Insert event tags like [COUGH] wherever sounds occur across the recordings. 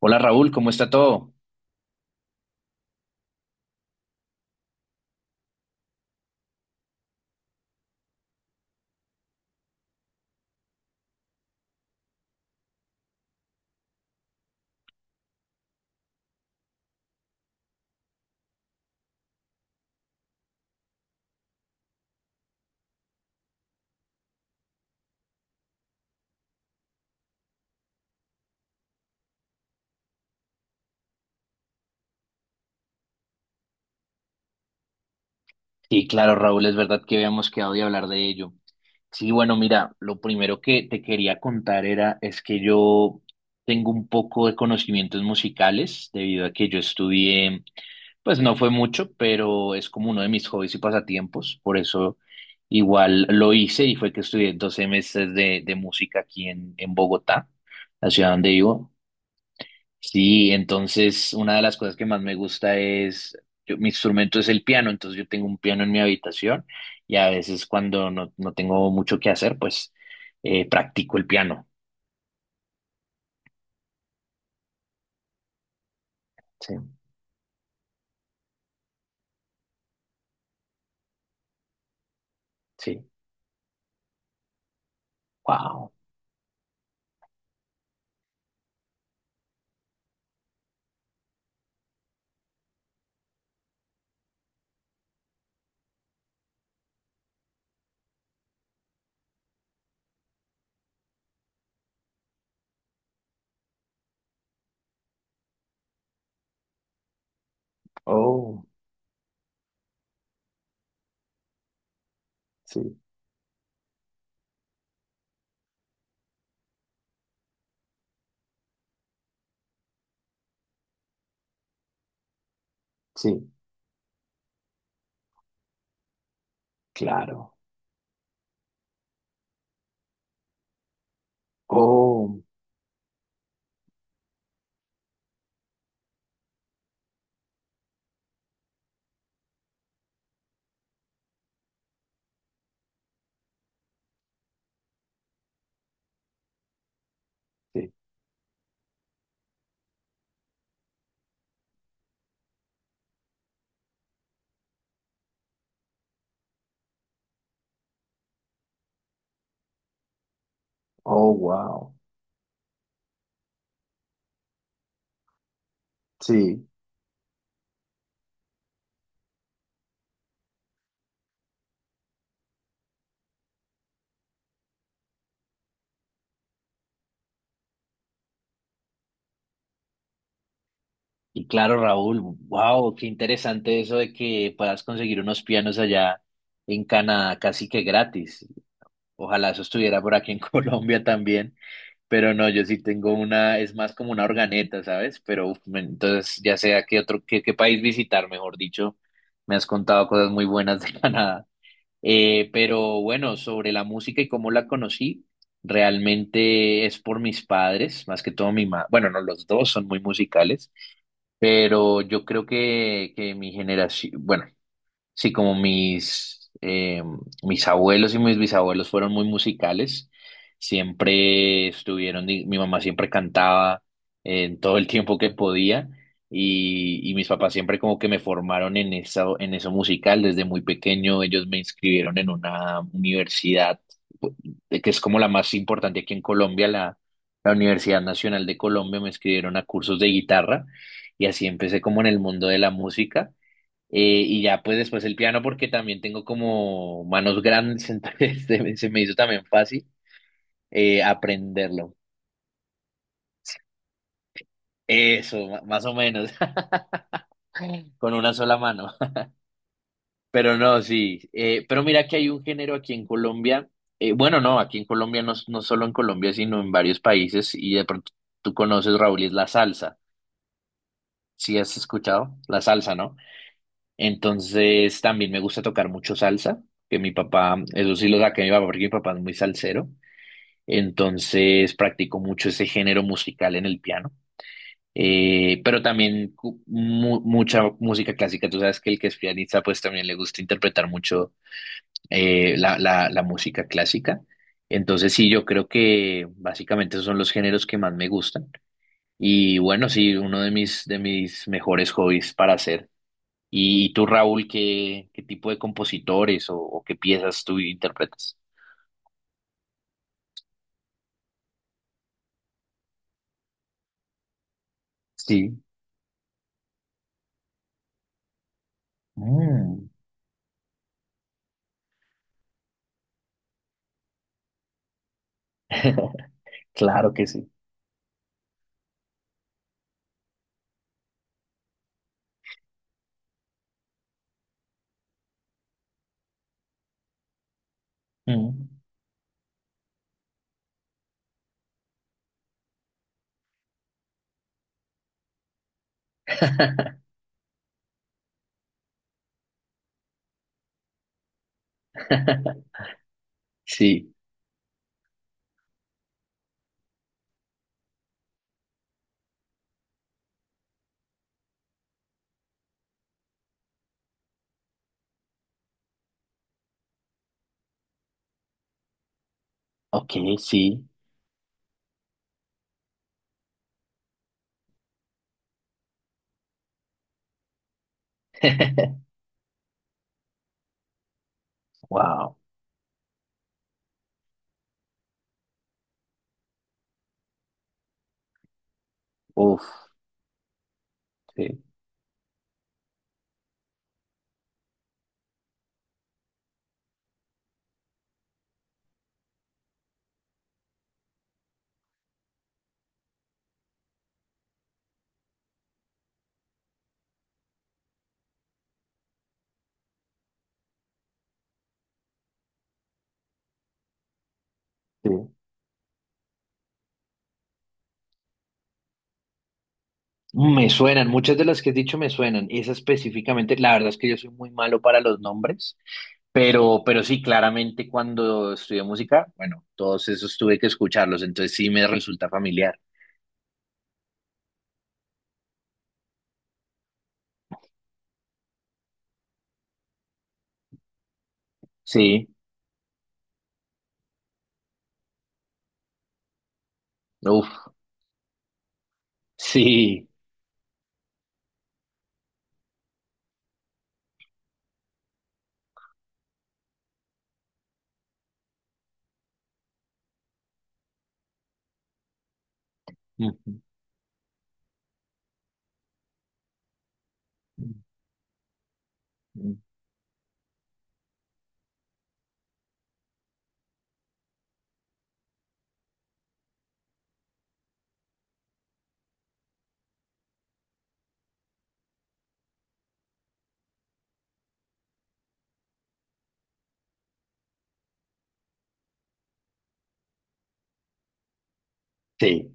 Hola Raúl, ¿cómo está todo? Sí, claro, Raúl, es verdad que habíamos quedado de hablar de ello. Sí, bueno, mira, lo primero que te quería contar era, es que yo tengo un poco de conocimientos musicales debido a que yo estudié, pues no fue mucho, pero es como uno de mis hobbies y pasatiempos, por eso igual lo hice y fue que estudié dos semestres de música aquí en Bogotá, la ciudad donde vivo. Sí, entonces una de las cosas que más me gusta es, mi instrumento es el piano, entonces yo tengo un piano en mi habitación y a veces cuando no tengo mucho que hacer, pues practico el piano. Sí, sí. Wow. Oh, sí, sí, claro. Oh, sí. Oh, wow. Sí. Y claro, Raúl, wow, qué interesante eso de que puedas conseguir unos pianos allá en Canadá casi que gratis. Ojalá eso estuviera por aquí en [LAUGHS] Colombia también. Pero no, yo sí tengo una, es más como una organeta, ¿sabes? Pero uf, entonces ya sea qué otro, qué país visitar, mejor dicho, me has contado cosas muy buenas de [LAUGHS] Canadá. Pero bueno, sobre la música y cómo la conocí, realmente es por mis padres, más que todo mi mamá. Bueno, no, los dos son muy musicales, pero yo creo que mi generación, bueno. Sí, como mis, mis abuelos y mis bisabuelos fueron muy musicales, siempre estuvieron, mi mamá siempre cantaba en todo el tiempo que podía y mis papás siempre como que me formaron en eso musical desde muy pequeño, ellos me inscribieron en una universidad pu- que es como la más importante aquí en Colombia, la Universidad Nacional de Colombia, me inscribieron a cursos de guitarra y así empecé como en el mundo de la música. Y ya pues después el piano porque también tengo como manos grandes, [LAUGHS] entonces se me hizo también fácil aprenderlo. Eso, más o menos, [LAUGHS] con una sola mano. [LAUGHS] Pero no, sí. Pero mira que hay un género aquí en Colombia, bueno, no, aquí en Colombia, no, no solo en Colombia, sino en varios países, y de pronto tú conoces, Raúl, y es la salsa. ¿Sí has escuchado? La salsa, ¿no? Entonces también me gusta tocar mucho salsa, que mi papá, eso sí lo saqué de mi papá, porque mi papá es muy salsero. Entonces practico mucho ese género musical en el piano, pero también mucha música clásica. Tú sabes que el que es pianista pues también le gusta interpretar mucho la música clásica. Entonces sí, yo creo que básicamente esos son los géneros que más me gustan. Y bueno, sí, uno de mis mejores hobbies para hacer. ¿Y tú, Raúl, qué tipo de compositores o qué piezas tú interpretas? Sí. Mm. [LAUGHS] Claro que sí. Mm. [LAUGHS] Sí, ok, sí. [LAUGHS] Wow, uf, sí, sí. Me suenan, muchas de las que has dicho me suenan. Esa específicamente, la verdad es que yo soy muy malo para los nombres, pero sí, claramente cuando estudié música, bueno, todos esos tuve que escucharlos, entonces sí me resulta familiar. Sí, uf, sí. Ujú. Sí,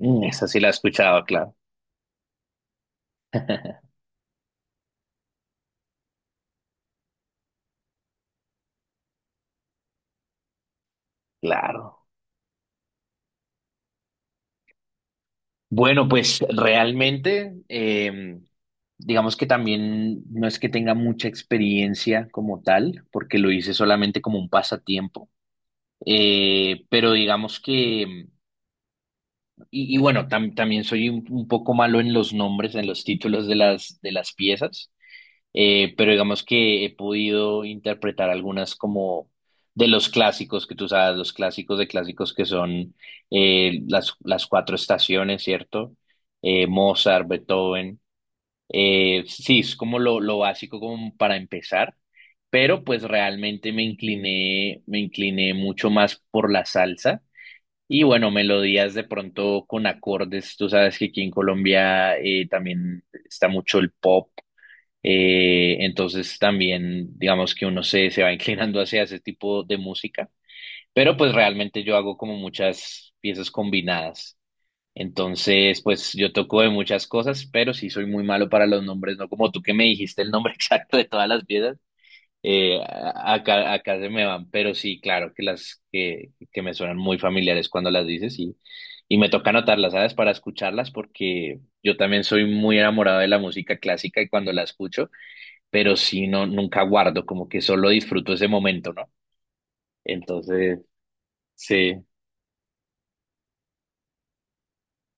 mm, esa sí la he escuchado, claro. [LAUGHS] Claro. Bueno, pues realmente, digamos que también no es que tenga mucha experiencia como tal, porque lo hice solamente como un pasatiempo. Pero digamos que, y bueno, tam- también soy un poco malo en los nombres, en los títulos de de las piezas. Pero digamos que he podido interpretar algunas como de los clásicos que tú sabes, los clásicos de clásicos que son las cuatro estaciones, ¿cierto? Mozart, Beethoven. Sí, es como lo básico como para empezar, pero pues realmente me incliné mucho más por la salsa. Y bueno, melodías de pronto con acordes, tú sabes que aquí en Colombia también está mucho el pop, entonces también digamos que uno se va [LAUGHS] inclinando hacia ese tipo de música, pero pues realmente yo hago como muchas piezas combinadas. Entonces, pues yo toco de muchas cosas, pero sí soy muy malo para los nombres, no como tú que me dijiste el nombre [LAUGHS] exacto de todas las piezas, acá, acá se me van, pero sí, claro que las que me suenan muy familiares cuando las dices y me toca anotarlas, ¿sabes? Para escucharlas porque yo también soy muy enamorado de la música clásica y cuando la escucho, pero sí, no, nunca guardo, como que solo disfruto ese momento, ¿no? Entonces, sí.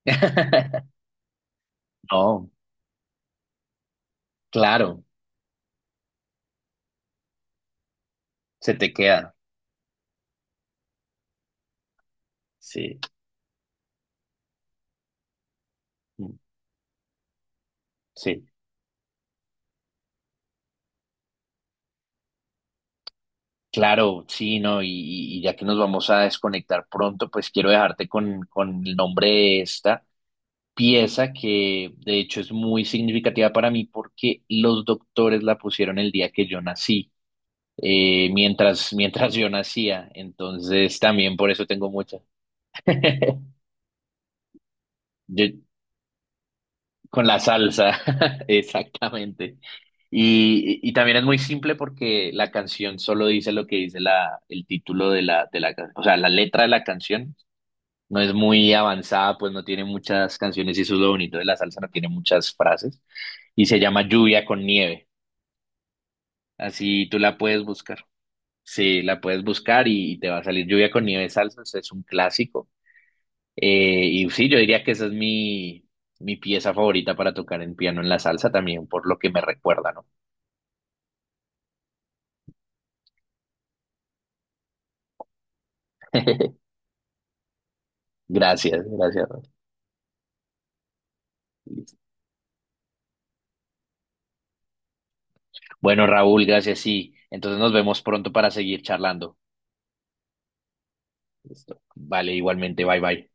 [LAUGHS] No, claro, se te queda. Sí, mm, sí. Claro, sí, no, y ya que nos vamos a desconectar pronto, pues quiero dejarte con el nombre de esta pieza que de hecho es muy significativa para mí porque los doctores la pusieron el día que yo nací, mientras yo nacía, entonces también por eso tengo mucha. [LAUGHS] Yo, con la salsa, [LAUGHS] exactamente. Y también es muy simple porque la canción solo dice lo que dice el título de o sea, la letra de la canción no es muy avanzada, pues no tiene muchas canciones y eso es lo bonito de la salsa, no tiene muchas frases. Y se llama Lluvia con Nieve. Así tú la puedes buscar. Sí, la puedes buscar y te va a salir Lluvia con Nieve Salsa, es un clásico. Y sí, yo diría que esa es mi, mi pieza favorita para tocar en piano en la salsa también, por lo que me recuerda, ¿no? [LAUGHS] Gracias, gracias. Listo. Bueno, Raúl, gracias, sí. Entonces nos vemos pronto para seguir charlando. Listo. Vale, igualmente, bye bye.